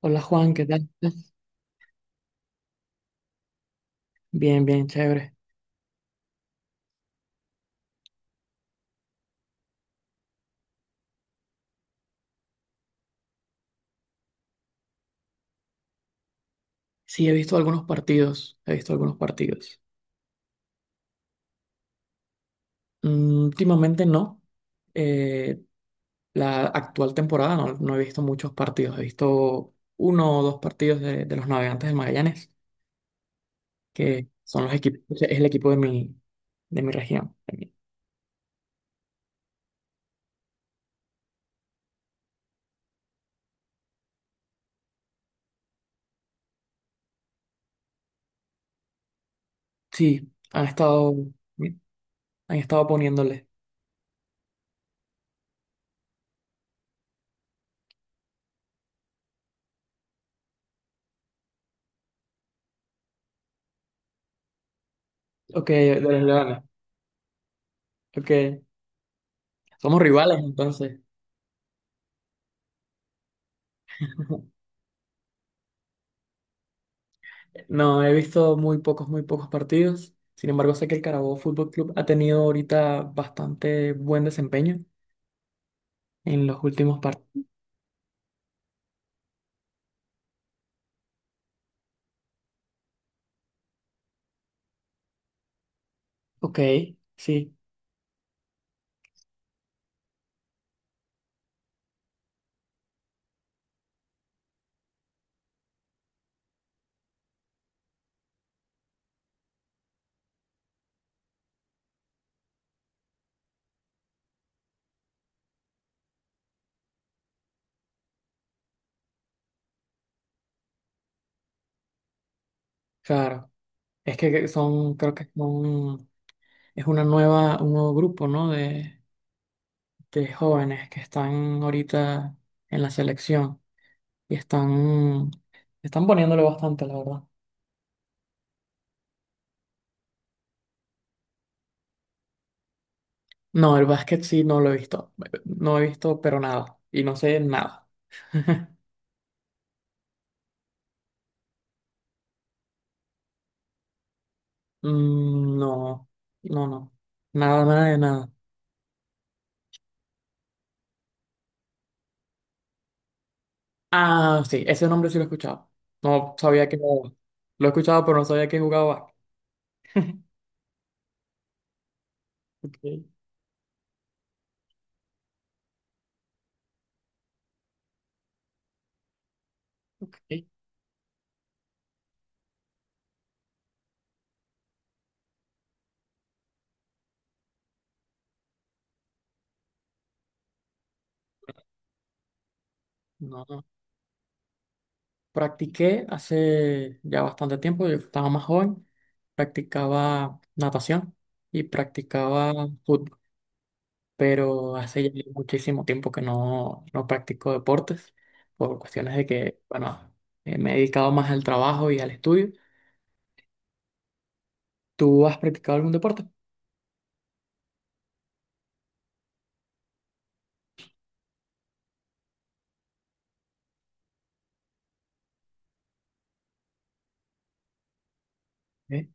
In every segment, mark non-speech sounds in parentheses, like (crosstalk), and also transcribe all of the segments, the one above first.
Hola Juan, ¿qué tal estás? Bien, bien, chévere. Sí, he visto algunos partidos, he visto algunos partidos. Mm, últimamente no. Eh, la actual temporada no, no he visto muchos partidos. He visto uno o dos partidos de los Navegantes del Magallanes, que son los equipos, es el equipo de mi región. Sí, han estado poniéndole. Ok, de los Leones. Ok, somos rivales entonces. (laughs) No, he visto muy pocos partidos. Sin embargo, sé que el Carabobo Fútbol Club ha tenido ahorita bastante buen desempeño en los últimos partidos. Ok, sí, claro. Es que son, creo que son, es una nueva, un nuevo grupo, ¿no? De jóvenes que están ahorita en la selección y están, están poniéndole bastante, la verdad. No, el básquet sí no lo he visto. No he visto, pero nada. Y no sé nada. (laughs) Mm, no, no, no. Nada, nada de nada. Ah, sí, ese nombre sí lo he escuchado. No sabía que jugaba. Lo he escuchado, pero no sabía que jugaba. (laughs) Ok, ok. No, no. Practiqué hace ya bastante tiempo, yo estaba más joven. Practicaba natación y practicaba fútbol, pero hace ya muchísimo tiempo que no, no practico deportes por cuestiones de que, bueno, me he dedicado más al trabajo y al estudio. ¿Tú has practicado algún deporte? ¿Eh?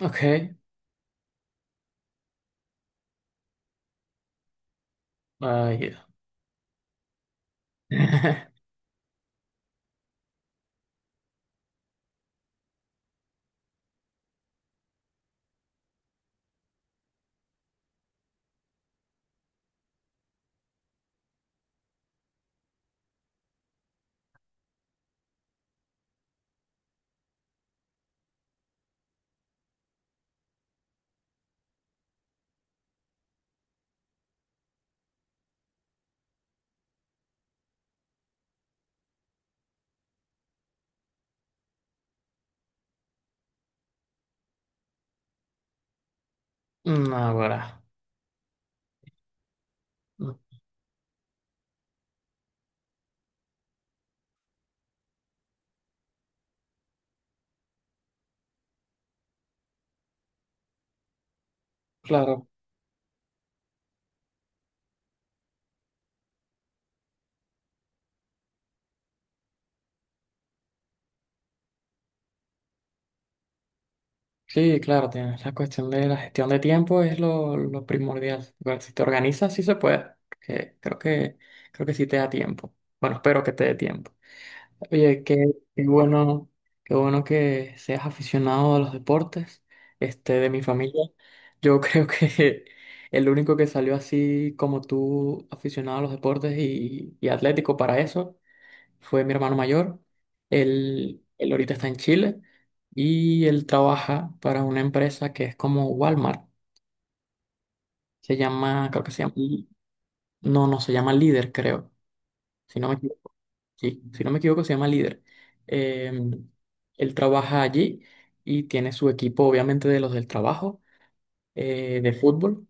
Ok, ah, ya. (laughs) Mm, ahora, mm, claro, sí, claro, tienes la cuestión de la gestión de tiempo es lo primordial. Igual, si te organizas, sí se puede. Que creo que, creo que sí te da tiempo. Bueno, espero que te dé tiempo. Oye, qué, qué bueno, qué bueno que seas aficionado a los deportes, este, de mi familia. Yo (laughs) creo que el único que salió así como tú, aficionado a los deportes y atlético para eso, fue mi hermano mayor. Él ahorita está en Chile y él trabaja para una empresa que es como Walmart. Se llama, creo que se llama, no, no, se llama Líder, creo. Si no me equivoco, sí, si no me equivoco, se llama Líder. Eh, Él trabaja allí y tiene su equipo, obviamente, de los del trabajo, de fútbol.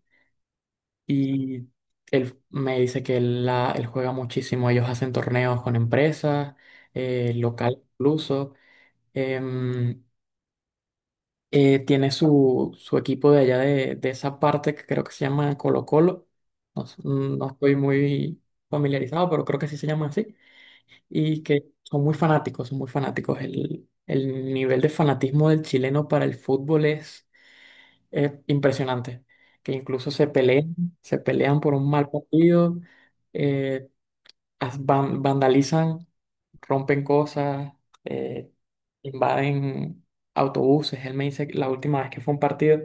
Y él me dice que él, la, él juega muchísimo. Ellos hacen torneos con empresas, local incluso. Em, tiene su, su equipo de allá de esa parte que creo que se llama Colo Colo. No, mm, no estoy muy familiarizado, pero creo que sí se llama así. Y que son muy fanáticos, son muy fanáticos. El nivel de fanatismo del chileno para el fútbol es impresionante. Que incluso se pelean por un mal partido. eh, as vandalizan, rompen cosas, eh, invaden autobuses. Él me dice que la última vez que fue a un partido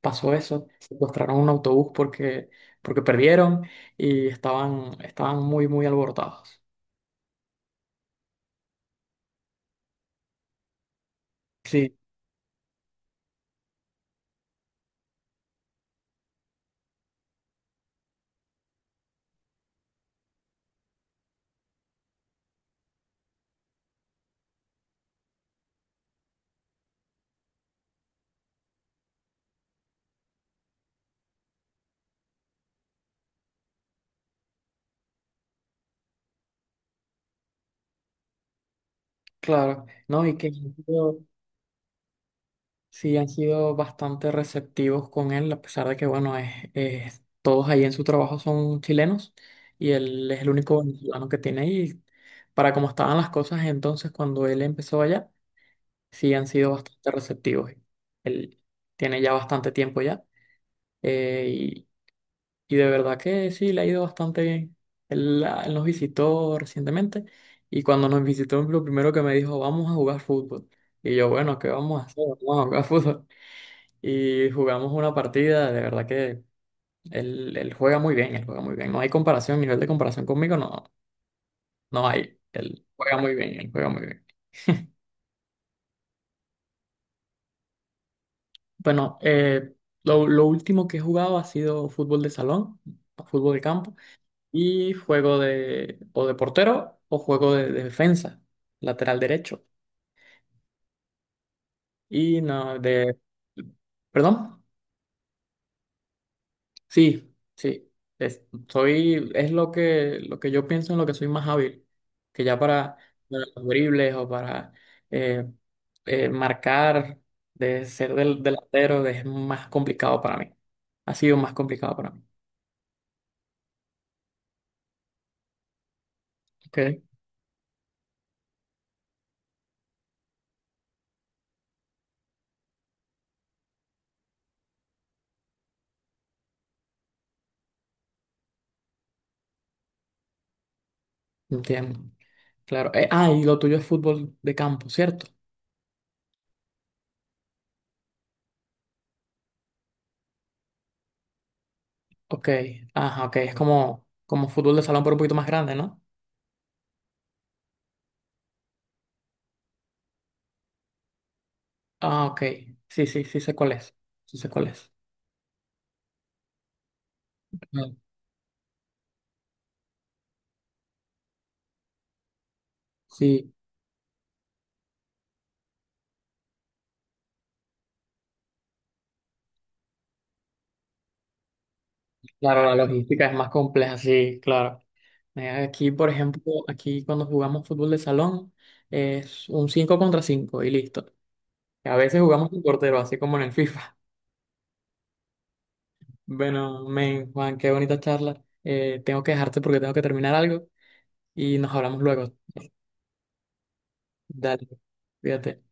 pasó eso, secuestraron un autobús porque, porque perdieron y estaban, estaban muy, muy alborotados. Sí, claro, ¿no? Y que sí, han sido bastante receptivos con él, a pesar de que, bueno, es, todos ahí en su trabajo son chilenos y él es el único venezolano que tiene ahí. Para cómo estaban las cosas entonces cuando él empezó allá, sí han sido bastante receptivos. Él tiene ya bastante tiempo ya, eh, y, y de verdad que sí, le ha ido bastante bien. Él, ah, él nos visitó recientemente y cuando nos visitó lo primero que me dijo, vamos a jugar fútbol. Y yo, bueno, ¿qué vamos a hacer? Vamos a jugar fútbol y jugamos una partida, de verdad que él juega muy bien, él juega muy bien. No hay comparación, nivel de comparación conmigo no, no hay. Él juega muy bien, él juega muy bien. Bueno, lo último que he jugado ha sido fútbol de salón, fútbol de campo, y juego de o de portero o juego de defensa, lateral derecho. Y no, de... ¿Perdón? Sí, sí. Es, soy, es lo que yo pienso en lo que soy más hábil. Que ya para los dribles o para eh, marcar, de ser del delantero, es más complicado para mí. Ha sido más complicado para mí. Ok, entiendo. Claro. Ah, y lo tuyo es fútbol de campo, ¿cierto? Ok. Ajá, ok. Es como, como fútbol de salón, pero un poquito más grande, ¿no? Ah, ok. Sí, sí, sí sé cuál es. Sí sé cuál es. Ah, sí. Claro, la logística es más compleja, sí, claro. Aquí, por ejemplo, aquí cuando jugamos fútbol de salón es un 5 contra 5 y listo. A veces jugamos con portero, así como en el (laughs) FIFA. Bueno, men, Juan, qué bonita charla. Tengo que dejarte porque tengo que terminar algo y nos hablamos luego. Dale, cuídate.